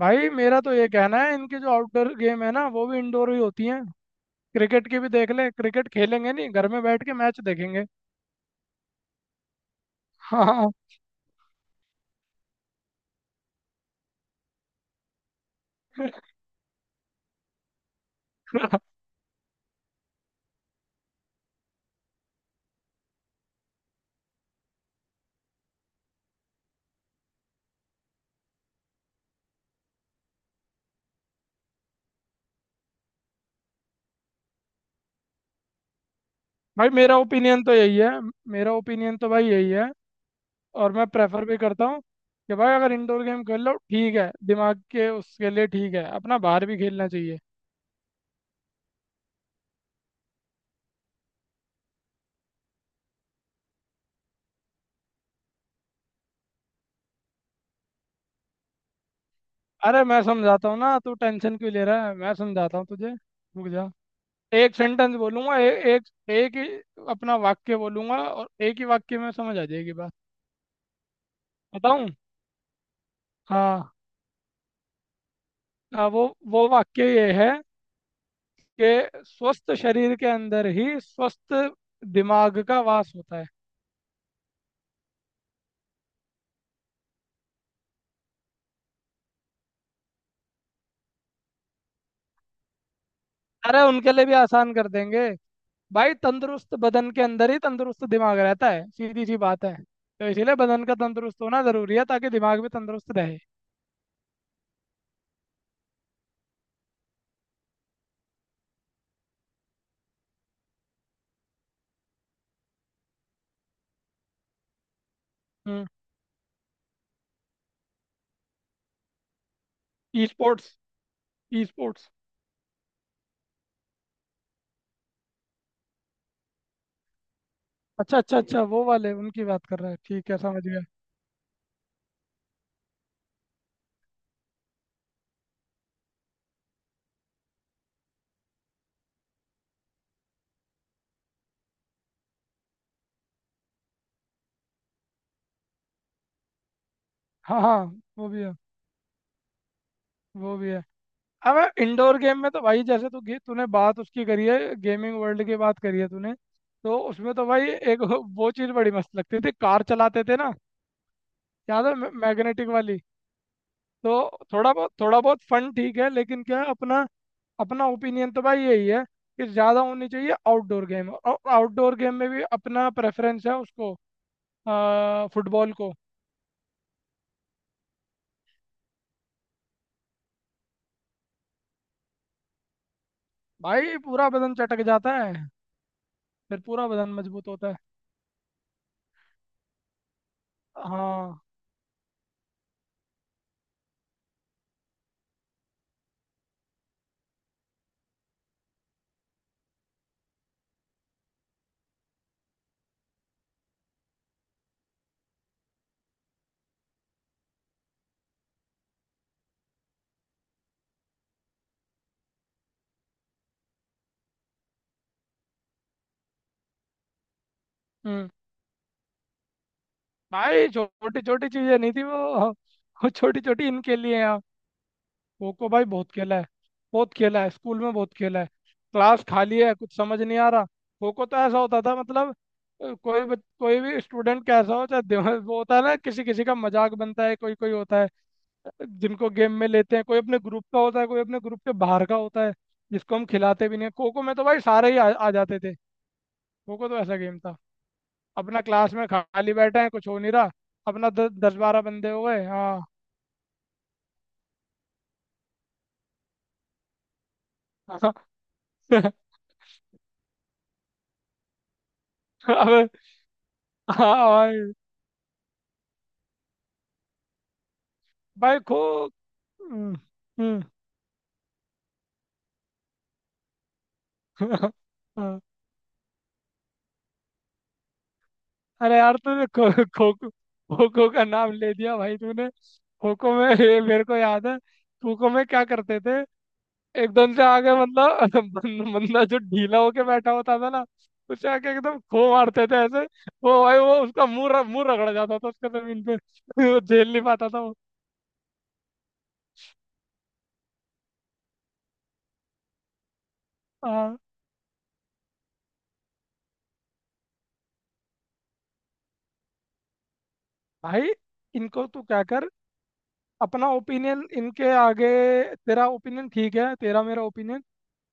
भाई मेरा तो ये कहना है, इनकी जो आउटडोर गेम है ना, वो भी इंडोर ही होती हैं। क्रिकेट की भी देख ले। क्रिकेट खेलेंगे नहीं, घर में बैठ के मैच देखेंगे। हाँ, हाँ। भाई मेरा ओपिनियन तो यही है। मेरा ओपिनियन तो भाई यही है, और मैं प्रेफर भी करता हूँ कि भाई अगर इंडोर गेम खेल लो, ठीक है, दिमाग के उसके लिए ठीक है, अपना बाहर भी खेलना चाहिए। अरे मैं समझाता हूँ ना, तू टेंशन क्यों ले रहा है, मैं समझाता हूँ तुझे, रुक जा। एक सेंटेंस बोलूंगा, ए, एक एक ही अपना वाक्य बोलूंगा, और एक ही वाक्य में समझ आ जाएगी बात। बताऊँ? हाँ। आ, वो वाक्य ये है कि स्वस्थ शरीर के अंदर ही स्वस्थ दिमाग का वास होता है। अरे उनके लिए भी आसान कर देंगे। भाई तंदुरुस्त बदन के अंदर ही तंदुरुस्त दिमाग रहता है, सीधी सी बात है। तो इसीलिए बदन का तंदुरुस्त होना जरूरी है, ताकि दिमाग भी तंदुरुस्त रहे। हम्म। E sports. E sports. अच्छा, अच्छा, अच्छा, वो वाले उनकी बात कर रहा है, ठीक है, समझ गया। हाँ, हाँ। वो भी है। वो भी है। अब इंडोर गेम में तो भाई, जैसे तूने बात उसकी करी है, गेमिंग वर्ल्ड की बात करी है तूने। तो उसमें तो भाई एक वो चीज़ बड़ी मस्त लगती थी, कार चलाते थे ना, याद है? मैग्नेटिक वाली। तो थोड़ा बहुत फन, ठीक है, लेकिन क्या है, अपना अपना ओपिनियन तो भाई यही है कि ज़्यादा होनी चाहिए आउटडोर गेम, और आउटडोर गेम में भी अपना प्रेफरेंस है उसको, फुटबॉल को। भाई पूरा बदन चटक जाता है, फिर पूरा बदन मजबूत होता है। हाँ। हम्म। भाई छोटी छोटी चीजें नहीं थी वो, हाँ, वो छोटी छोटी इनके लिए हैं। खो खो भाई बहुत खेला है, बहुत खेला है, स्कूल में बहुत खेला है। क्लास खाली है, कुछ समझ नहीं आ रहा, खो खो तो ऐसा होता था, मतलब कोई भी स्टूडेंट कैसा हो चाहे वो होता है ना, किसी किसी का मजाक बनता है, कोई कोई होता है जिनको गेम में लेते हैं, कोई अपने ग्रुप का होता है, कोई अपने ग्रुप के बाहर का होता है जिसको हम खिलाते भी नहीं हैं। खो खो में तो भाई सारे ही आ जाते थे। खो खो तो ऐसा गेम था। अपना क्लास में खाली बैठे हैं, कुछ हो नहीं रहा, अपना दस बारह बंदे हो गए, हाँ। अब। हाँ भाई। भाई खो हम्म, हम्म, हाँ। अरे यार तूने खो खो खो का नाम ले दिया भाई तूने। खो खो में ये मेरे को याद है, खो खो में क्या करते थे। एकदम से आगे मतलब बंदा जो ढीला होके बैठा होता था ना, उसे आके एकदम खो मारते थे ऐसे। वो भाई, वो उसका मुंह रगड़ जाता था उसका जमीन पे। वो झेल नहीं पाता था। आ, भाई इनको तू क्या कर, अपना ओपिनियन इनके आगे, तेरा ओपिनियन ठीक है, तेरा, मेरा ओपिनियन,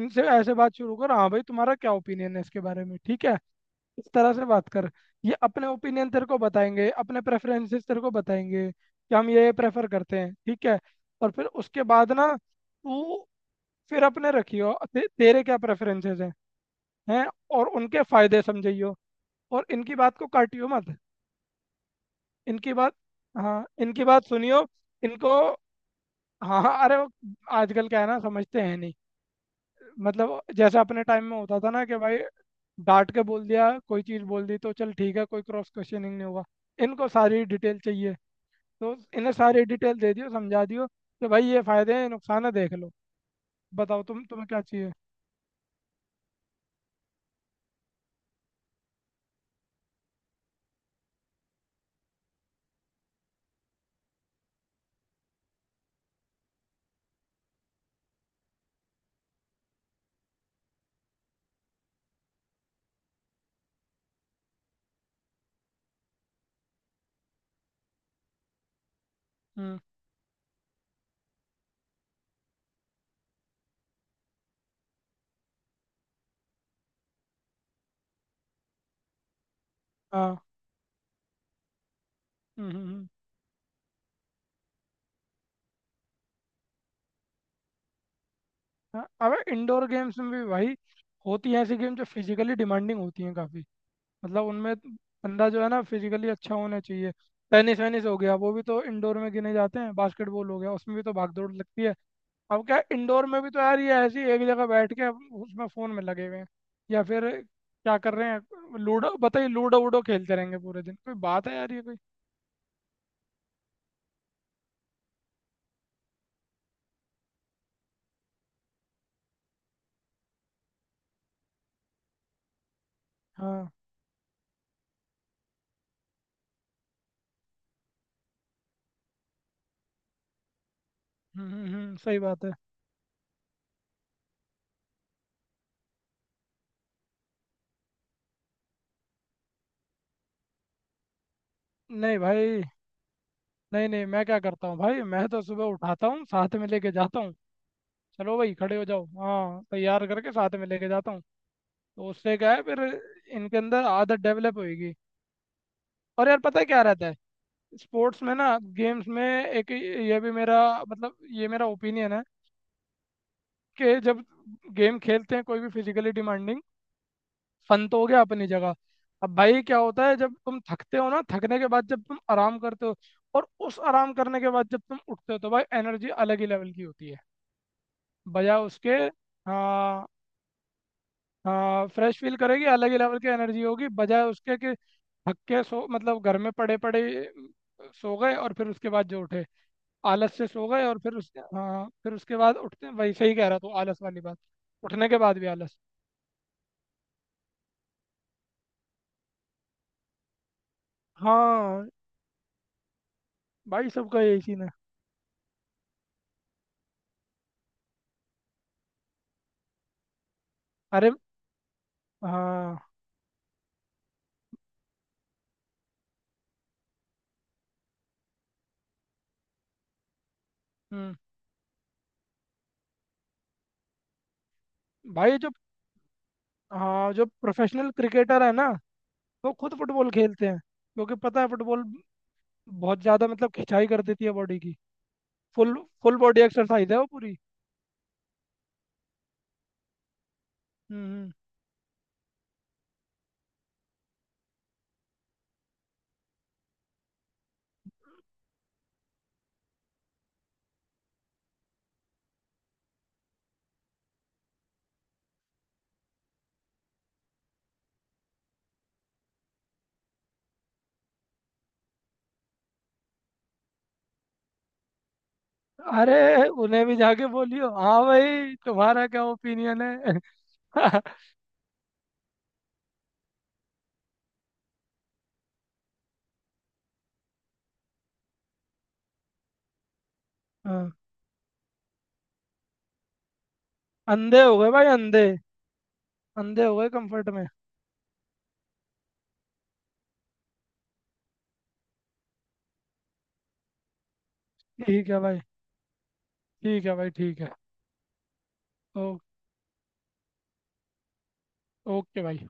इनसे ऐसे बात शुरू कर, हाँ भाई तुम्हारा क्या ओपिनियन है इसके बारे में, ठीक है। इस तरह से बात कर। ये अपने ओपिनियन तेरे को बताएंगे, अपने प्रेफरेंसेस तेरे को बताएंगे कि हम ये प्रेफर करते हैं, ठीक है। और फिर उसके बाद ना तू फिर अपने रखियो, तेरे क्या प्रेफरेंसेस हैं। और उनके फायदे समझियो, और इनकी बात को काटियो मत। इनकी बात, हाँ, इनकी बात सुनियो इनको। हाँ, हाँ। अरे वो आजकल क्या है ना, समझते हैं नहीं। मतलब जैसे अपने टाइम में होता था ना कि भाई डांट के बोल दिया कोई चीज़ बोल दी तो चल ठीक है, कोई क्रॉस क्वेश्चनिंग नहीं होगा। इनको सारी डिटेल चाहिए। तो इन्हें सारी डिटेल दे दियो, समझा दियो कि भाई ये फायदे हैं, ये नुकसान है, देख लो। बताओ तुम्हें क्या चाहिए। हम्म। हाँ। हम्म, हम्म, हाँ। अब इंडोर गेम्स में भी भाई होती हैं ऐसी गेम जो फिजिकली डिमांडिंग होती हैं काफ़ी, मतलब उनमें बंदा जो है ना फिजिकली अच्छा होना चाहिए। टेनिस वेनिस हो गया, वो भी तो इंडोर में गिने जाते हैं, बास्केटबॉल हो गया, उसमें भी तो भाग दौड़ लगती है। अब क्या इंडोर में भी तो यार, ये ऐसी एक जगह बैठ के अब उसमें फ़ोन में लगे हुए हैं, या फिर क्या कर रहे हैं, लूडो बताइए, लूडो वूडो खेलते रहेंगे पूरे दिन, कोई बात है यार ये कोई। हाँ। हम्म, हम्म, सही बात है। नहीं भाई, नहीं, नहीं, मैं क्या करता हूँ भाई, मैं तो सुबह उठाता हूँ, साथ में लेके जाता हूँ, चलो भाई खड़े हो जाओ, हाँ, तैयार करके साथ में लेके जाता हूँ। तो उससे क्या है फिर, इनके अंदर आदत डेवलप होगी। और यार पता है क्या रहता है, स्पोर्ट्स में ना, गेम्स में एक ये भी मेरा, मतलब ये मेरा ओपिनियन है, कि जब गेम खेलते हैं कोई भी फिजिकली डिमांडिंग, फन तो हो गया अपनी जगह, अब भाई क्या होता है जब तुम थकते हो ना, थकने के बाद जब तुम आराम करते हो, और उस आराम करने के बाद जब तुम उठते हो तो भाई एनर्जी अलग ही लेवल की होती है, बजाय उसके। हाँ। हाँ, फ्रेश फील करेगी, अलग ही लेवल की एनर्जी होगी, बजाय उसके कि थक के सो मतलब घर में पड़े पड़े सो गए और फिर उसके बाद जो उठे। आलस से सो गए और फिर उस हाँ, फिर उसके बाद उठते, वही सही कह रहा तू, आलस वाली बात। उठने के बाद भी आलस। हाँ, भाई सबका यही सीन है। अरे, हाँ। हम्म। भाई जो हाँ, जो प्रोफेशनल क्रिकेटर है ना, वो खुद फुटबॉल खेलते हैं क्योंकि पता है फुटबॉल बहुत ज्यादा मतलब खिंचाई कर देती है बॉडी की। फुल फुल बॉडी एक्सरसाइज है वो पूरी। हम्म। अरे उन्हें भी जाके बोलियो, हाँ भाई तुम्हारा क्या ओपिनियन है। हाँ। अंधे हो गए भाई, अंधे। अंधे हो गए कंफर्ट में। ठीक है भाई। ठीक है भाई, ठीक है। ओ, ओके भाई।